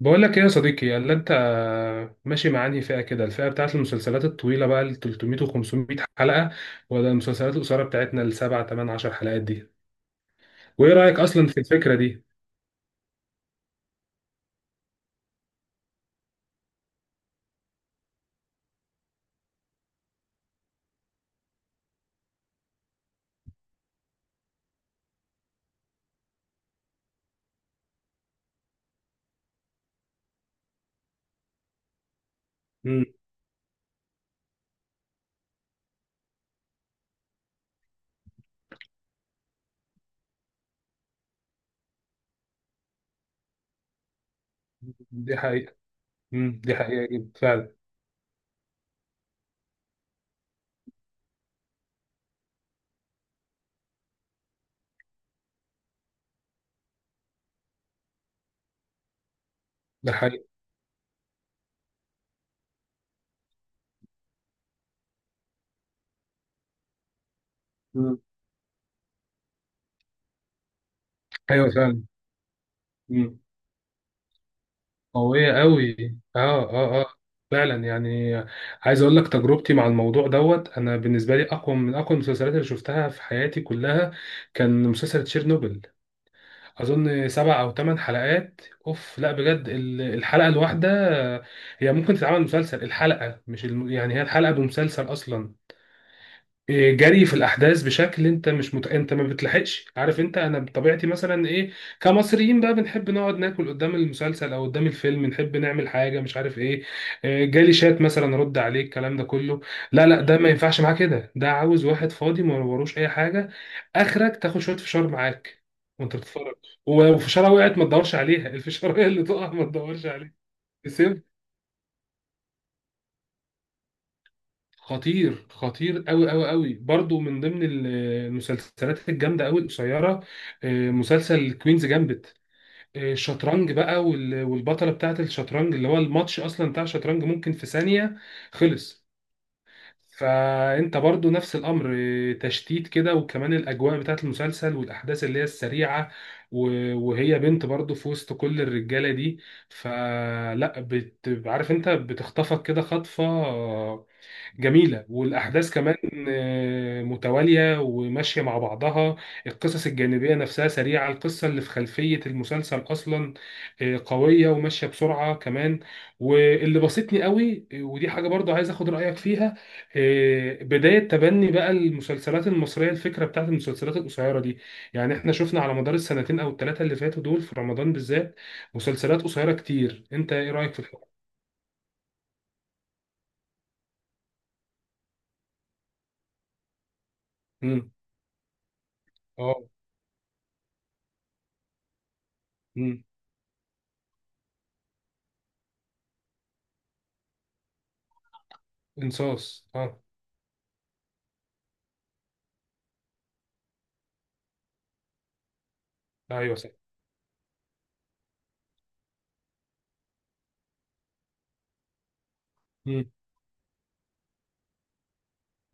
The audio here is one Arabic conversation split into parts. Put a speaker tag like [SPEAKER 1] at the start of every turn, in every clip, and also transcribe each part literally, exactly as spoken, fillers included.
[SPEAKER 1] بقول لك ايه يا صديقي؟ اللي انت ماشي مع انهي فئه كده، الفئه بتاعت المسلسلات الطويله بقى ال تلات ميت و خمس ميت حلقه، ولا المسلسلات القصيره بتاعتنا السبع تمن عشر حلقات دي؟ وايه رايك اصلا في الفكره دي؟ امم دي حقيقه. امم دي حقيقه جدا فعلا. ده حقيقه. امم. ايوه فعلا. امم. قويه قوي. اه، اه، اه، فعلا يعني. عايز اقول لك تجربتي مع الموضوع دوت، انا بالنسبه لي اقوى من اقوى المسلسلات اللي شفتها في حياتي كلها، كان مسلسل تشيرنوبل. اظن سبع او ثمان حلقات. اوف لا، بجد ال- الحلقه الواحده هي ممكن تتعمل مسلسل. الحلقه مش الم... يعني هي الحلقه بمسلسل اصلا. جري في الاحداث بشكل انت مش مت... انت ما بتلحقش. عارف انت، انا بطبيعتي مثلا ايه، كمصريين بقى بنحب نقعد ناكل قدام المسلسل او قدام الفيلم، نحب نعمل حاجه مش عارف ايه، آه، جالي شات مثلا رد عليه الكلام ده كله. لا لا، ده ما ينفعش معاه كده، ده عاوز واحد فاضي ما وروش اي حاجه، اخرك تاخد شويه فشار معاك وانت بتتفرج. ولو فشاره وقعت ما تدورش عليها الفشاره هي اللي تقع ما تدورش عليها. خطير، خطير قوي قوي قوي برضو، من ضمن ال- المسلسلات الجامده قوي القصيره، آه، مسلسل كوينز جامبت. الشطرنج بقى وال- والبطله بتاعه الشطرنج، اللي هو الماتش اصلا بتاع الشطرنج ممكن في ثانيه خلص. فانت برضو نفس الامر، آه، تشتيت كده، وكمان الاجواء بتاعه المسلسل والاحداث اللي هي السريعه. و- وهي بنت برضو في وسط كل الرجاله دي. فلا بت... عارف انت، بتخطفك كده خطفه جميلة. والأحداث كمان آه، متوالية وماشية مع بعضها. القصص الجانبية نفسها سريعة، القصة اللي في خلفية المسلسل أصلا آه، قوية وماشية بسرعة كمان. واللي بسطني قوي، آه، ودي حاجة برضو عايز أخد رأيك فيها، آه، بداية تبني بقى المسلسلات المصرية الفكرة بتاعت المسلسلات القصيرة دي. يعني إحنا شفنا على مدار السنتين أو الثلاثة اللي فاتوا دول، في رمضان بالذات مسلسلات قصيرة كتير. أنت إيه رأيك في الحوار؟ مم. اه. مم. انصاص. اه. ايوه صح. مم.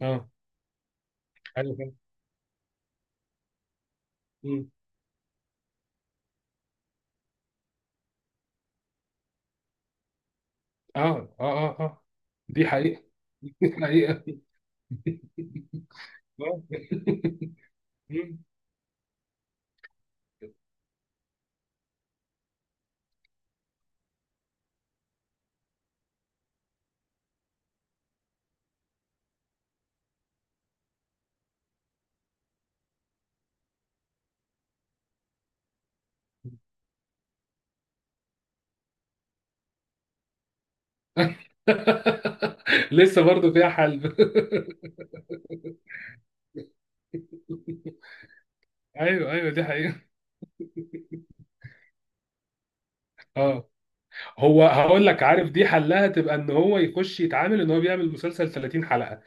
[SPEAKER 1] اه. ايوه فعلا. مم. اه، اه، اه، اه، دي حقيقة. دي حقيقة. آه. مم. لسه برضو فيها حل. ايوه، ايوه، دي حقيقة. اه، هو هقول لك، عارف دي حلها تبقى ان هو يخش يتعامل ان هو بيعمل مسلسل ثلاثين حلقة،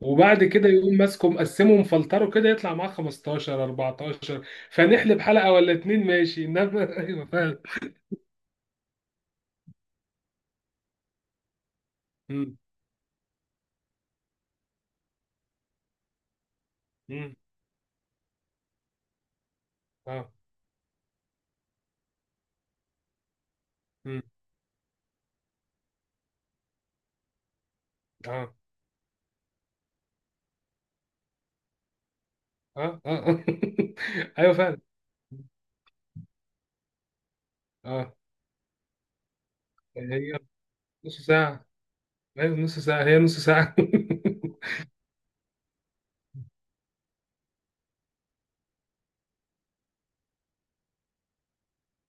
[SPEAKER 1] وبعد كده يقوم ماسكه مقسمه مفلتره كده يطلع معاه خمستاشر اربعة عشر، فنحلب حلقة ولا اتنين ماشي، انما ايوه فعلا. مم. مم. اه. مم. اه، اه، اه، آه. ايوه فعلا. اه، هي نص ساعة. أيوة نص ساعة، هي نص ساعة.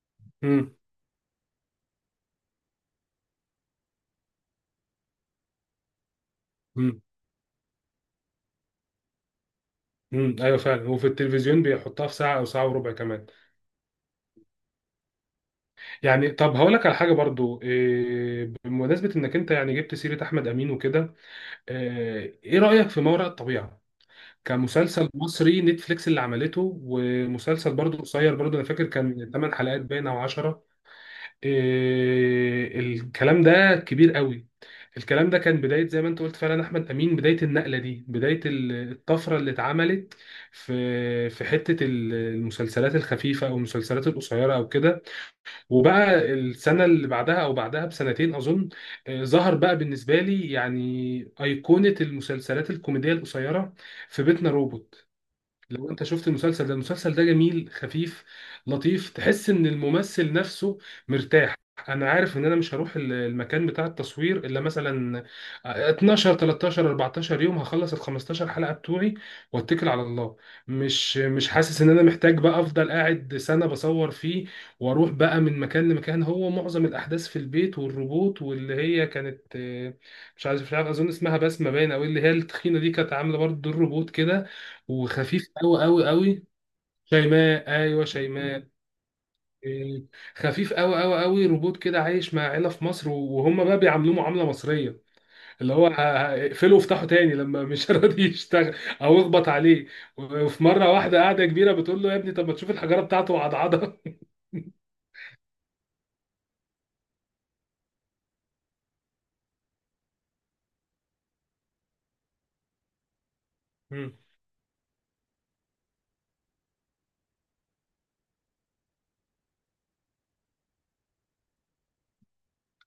[SPEAKER 1] مم. مم. مم. أيوة فعلا، وفي التلفزيون بيحطها في ساعة أو ساعة وربع كمان. يعني طب هقول لك على حاجة برضو، إيه بمناسبة إنك أنت يعني جبت سيرة أحمد أمين وكده، إيه إيه رأيك في ما وراء الطبيعة؟ كمسلسل مصري نتفليكس اللي عملته، ومسلسل برضو قصير، برضو أنا فاكر كان ثماني حلقات باين أو عشرة. إيه الكلام ده كبير قوي. الكلام ده كان بداية، زي ما انت قلت فعلا، احمد امين بداية النقلة دي، بداية ال- الطفرة اللي اتعملت في في حتة ال- المسلسلات الخفيفة او المسلسلات القصيرة او كده. وبقى السنة اللي بعدها او بعدها بسنتين اظن، آه، ظهر بقى بالنسبة لي يعني ايقونة المسلسلات الكوميدية القصيرة، في بيتنا روبوت. لو انت شفت المسلسل ده، المسلسل ده جميل، خفيف لطيف، تحس ان الممثل نفسه مرتاح. انا عارف ان انا مش هروح ال- المكان بتاع التصوير الا مثلا اتناشر تلتاشر اربعتاشر يوم، هخلص ال خمستاشر حلقة بتوعي واتكل على الله. مش مش حاسس ان انا محتاج بقى افضل قاعد سنة بصور فيه، واروح بقى من مكان لمكان. هو معظم الاحداث في البيت، والروبوت واللي هي كانت آه، مش عارف مش عارف اظن اسمها بسمة باينة، او اللي هي التخينة دي كانت عاملة برضه دور روبوت كده. وخفيف قوي قوي قوي. شيماء، ايوه شيماء. إيه، خفيف قوي قوي قوي، روبوت كده عايش مع عيله في مصر، وهم بقى بيعاملوه معامله مصريه، اللي هو ه- ه- اقفله وافتحه تاني لما مش راضي يشتغل، او اخبط عليه. وفي مره واحده قاعده كبيره بتقول له يا ابني، طب ما تشوف الحجاره بتاعته وعضعضها. مم.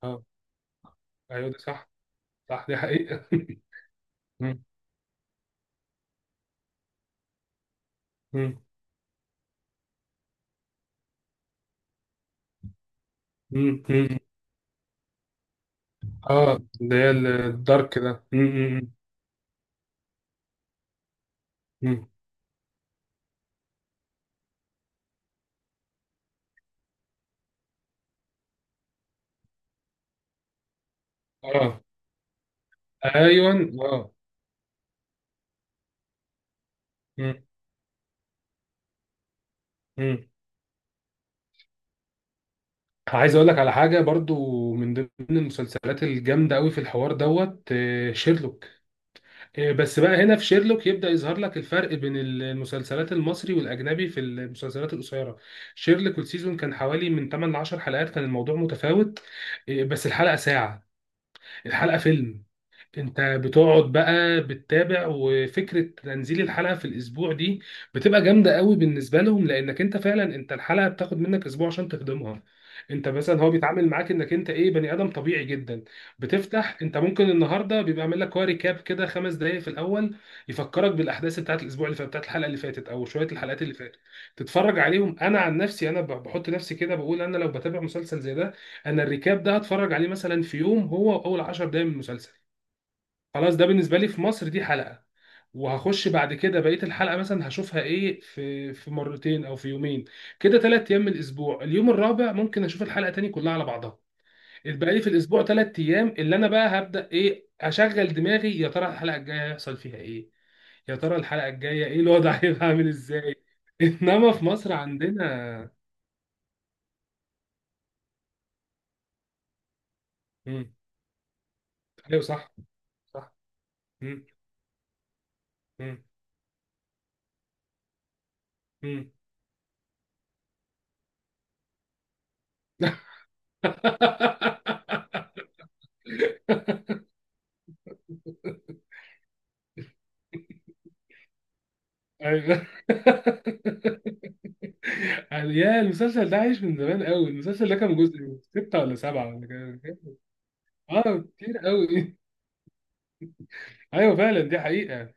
[SPEAKER 1] اه. ايوه ده صح. صح دي حقيقه. مم. مم. مم. مم. اه، اللي هي الدارك ده. مم. مم. مم. اه. ايوه. اه. مم. عايز اقول لك على حاجه برضو من ضمن المسلسلات الجامده قوي في الحوار دوت، آه، شيرلوك. آه، بس بقى هنا في شيرلوك يبدا يظهر لك الفرق بين المسلسلات المصري والاجنبي في المسلسلات القصيره. شيرلوك السيزون كان حوالي من تمنية ل عشر حلقات، كان الموضوع متفاوت، آه، بس الحلقه ساعه، الحلقه فيلم. انت بتقعد بقى بتتابع، وفكره تنزيل الحلقه في الاسبوع دي بتبقى جامده قوي بالنسبه لهم، لانك انت فعلا، انت الحلقه بتاخد منك اسبوع عشان تخدمها. انت مثلا هو بيتعامل معاك انك انت ايه، بني ادم طبيعي جدا. بتفتح انت ممكن النهارده بيبقى عامل لك هو ريكاب كده خمس دقائق في الاول، يفكرك بالاحداث بتاعت الاسبوع اللي فات، بتاعت الحلقه اللي فاتت او شويه الحلقات اللي فاتت، تتفرج عليهم. انا عن نفسي، انا ب- بحط نفسي كده بقول، انا لو بتابع مسلسل زي ده، انا الريكاب ده هتفرج عليه مثلا في يوم، هو اول عشر دقائق من المسلسل. خلاص، ده بالنسبه لي في مصر دي حلقه. وهخش بعد كده بقيه الحلقه مثلا هشوفها ايه، في في مرتين او في يومين كده، ثلاث ايام من الاسبوع. اليوم الرابع ممكن اشوف الحلقه تاني كلها على بعضها. يبقى لي في الاسبوع ثلاث ايام، اللي انا بقى هبدا ايه، اشغل دماغي يا ترى الحلقه الجايه هيحصل فيها ايه، يا ترى الحلقه الجايه ايه الوضع هيبقى عامل ازاي. انما في مصر عندنا. امم. ايوه صح. صح. امم. امم. امم. ايوه. يعني يا، المسلسل ده عايش من زمان قوي، المسلسل ده كان جزء ستة ولا سبعة ولا كام كام؟ اه، كتير قوي. ايوه فعلا، دي حقيقة.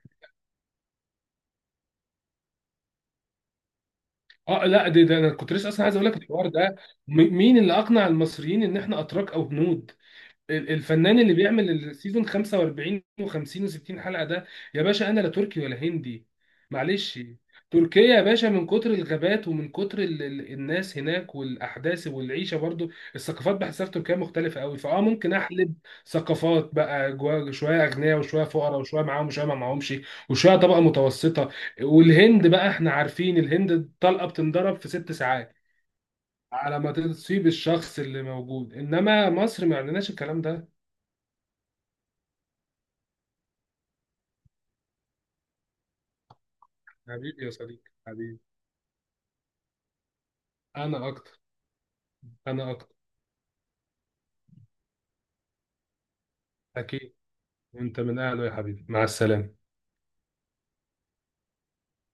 [SPEAKER 1] اه لا، ده, ده انا كنت لسه اصلا عايز اقول لك الحوار ده. م- مين اللي اقنع المصريين ان احنا اتراك او هنود، ال- الفنان اللي بيعمل السيزون خمسة واربعين و50 و60 حلقه ده؟ يا باشا، انا لا تركي ولا هندي، معلش. تركيا يا باشا من كتر الغابات، ومن كتر ال ال الناس هناك والاحداث والعيشه برضو، الثقافات بحسها في تركيا مختلفه قوي، فاه ممكن احلب ثقافات بقى جوا، شويه اغنياء وشويه فقراء وشويه معاهم وشويه ما معاهمش، وشويه طبقه متوسطه. والهند بقى احنا عارفين الهند، الطلقه بتنضرب في ست ساعات على ما تصيب الشخص اللي موجود، انما مصر ما عندناش الكلام. حبيبي يا صديقي، حبيبي. أنا أكتر. أنا أكتر. أكيد. وأنت من أهله يا حبيبي، مع السلامة.